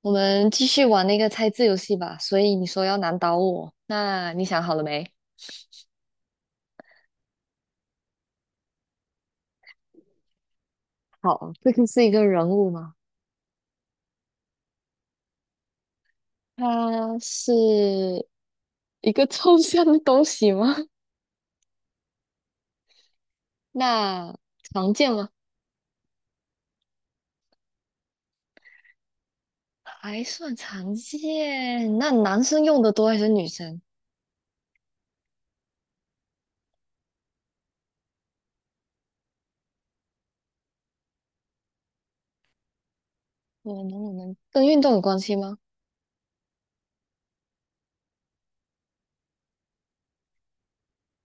我们继续玩那个猜字游戏吧。所以你说要难倒我，那你想好了没？好，这个是一个人物吗？它是一个抽象的东西吗？那常见吗？还算常见。那男生用的多还是女生？我能不能跟运动有关系吗？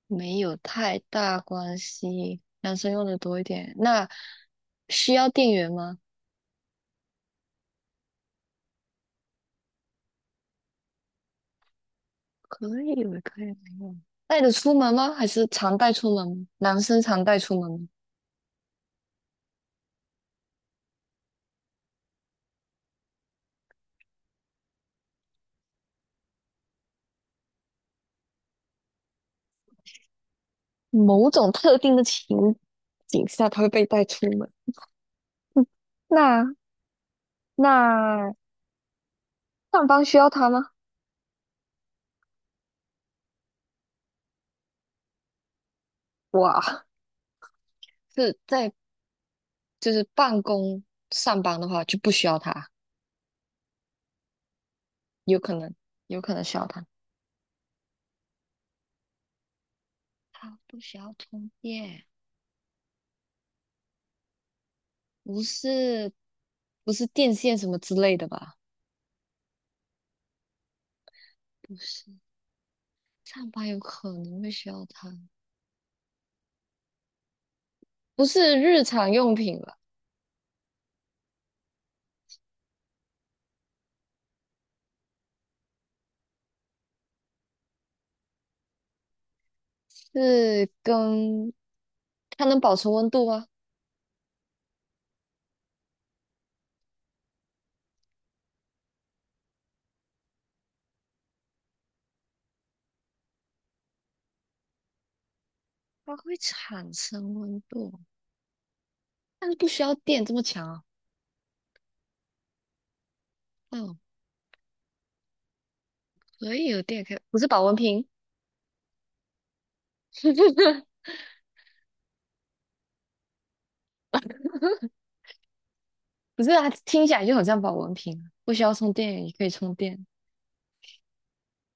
没有太大关系，男生用的多一点。那需要电源吗？可以了，可以了。带着出门吗？还是常带出门吗？男生常带出门吗？某种特定的情景下，他会被带出门。嗯，那那上班需要他吗？哇，是在就是办公上班的话就不需要他，有可能有可能需要他。他不需要充电，不是不是电线什么之类的吧？不是，上班有可能会需要它，不是日常用品吧？是跟它能保持温度吗？它会产生温度，但是不需要电这么强啊。嗯，可以有电，可以不是保温瓶，不是啊，听起来就很像保温瓶啊，不需要充电也可以充电，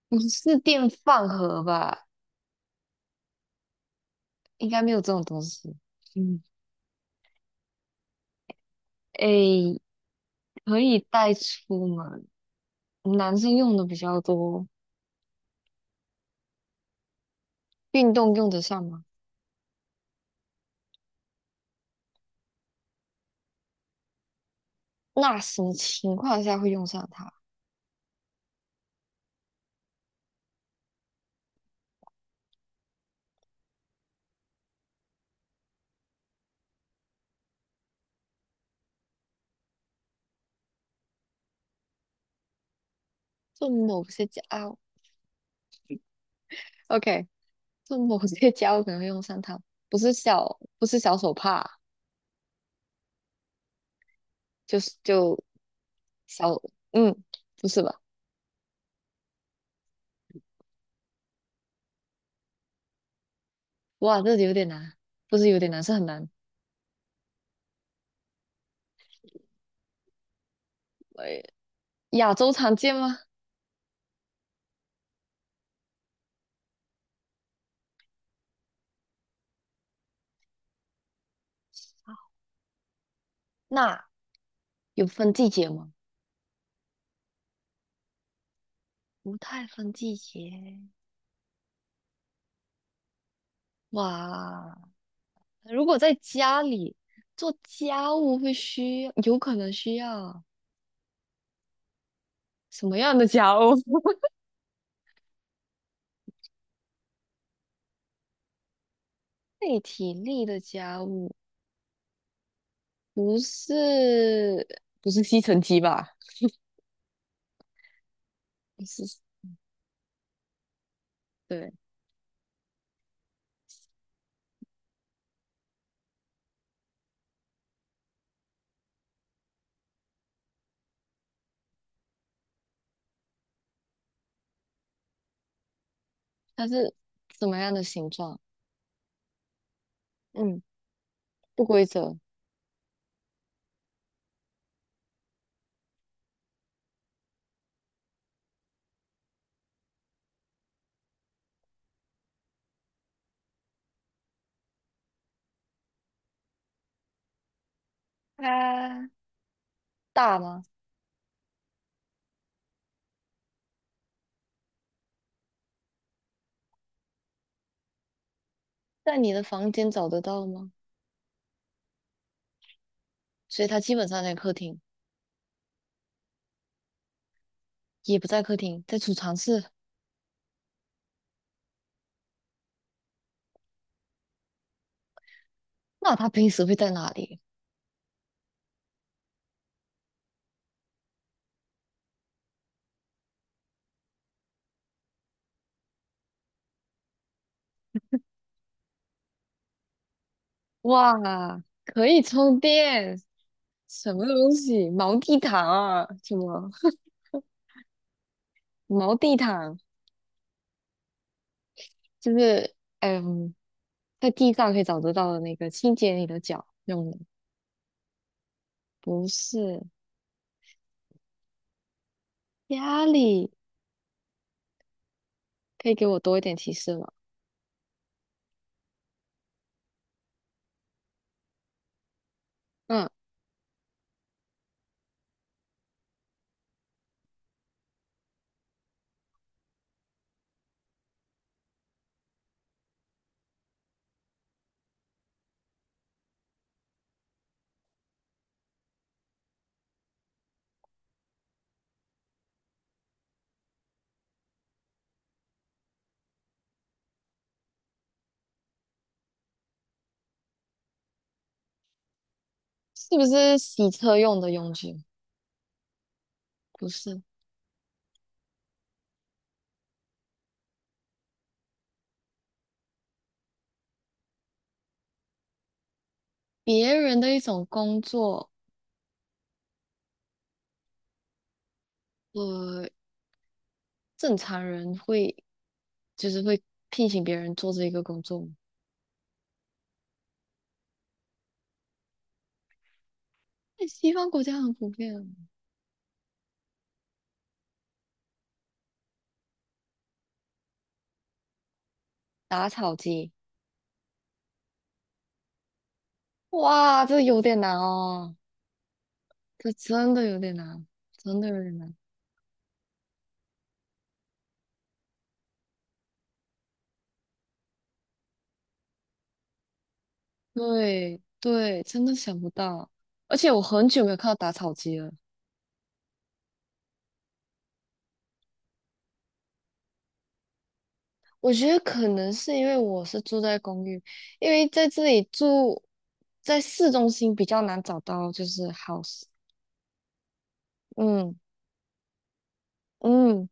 不是电饭盒吧？应该没有这种东西。嗯，诶，可以带出门，男生用的比较多，运动用得上吗？那什么情况下会用上它？做某些家啊，OK，做某些 家务可能会用上它，不是小手帕，就是小，嗯，不是吧？哇，这有点难，不是有点难，是很难。哎，亚洲常见吗？那有分季节吗？不太分季节。哇，如果在家里做家务会需要，有可能需要什么样的家务？费体力的家务，不是不是吸尘机吧？不是，对。它是什么样的形状？嗯，不规则，它大吗？在你的房间找得到吗？所以它基本上在客厅，也不在客厅，在储藏室。那它平时会在哪里？哇，可以充电，什么东西？毛地毯啊？什么毛地毯？就是嗯，在地上可以找得到的那个清洁你的脚用的，不是家里。可以给我多一点提示吗？嗯。是不是洗车用的佣金？不是，别人的一种工作，呃，正常人会就是会聘请别人做这一个工作吗，在西方国家很普遍啊。打草机，哇，这有点难哦，这真的有点难，真的有点难。对对，真的想不到，而且我很久没有看到打草机了。我觉得可能是因为我是住在公寓，因为在这里住在市中心比较难找到就是 house，嗯嗯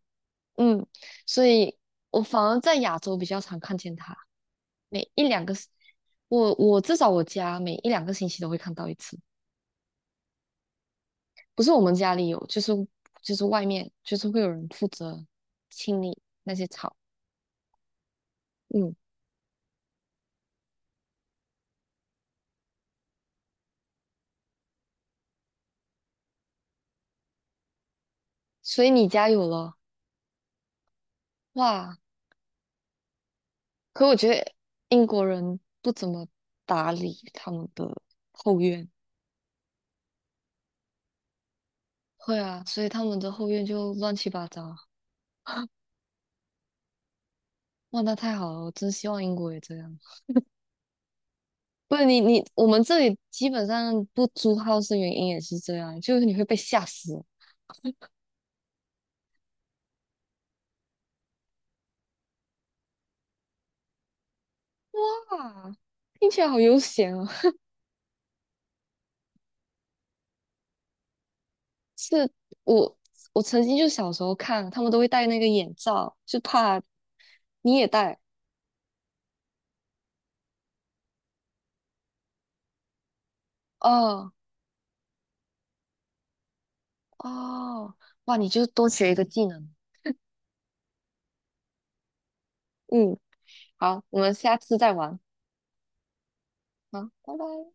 嗯，所以我反而在亚洲比较常看见它，每一两个，我至少我家每一两个星期都会看到一次，不是我们家里有，就是外面就是会有人负责清理那些草，嗯，所以你家有了，哇，可我觉得英国人不怎么打理他们的后院，会啊，所以他们的后院就乱七八糟。哇，那太好了，我真希望英国也这样。不然我们这里基本上不租 house 的原因也是这样，就是你会被吓死。啊，听起来好悠闲哦。是我我曾经就小时候看，他们都会戴那个眼罩，就怕你也戴。哦哦，哇，你就多学一个技能。嗯。好，我们下次再玩。好，拜拜。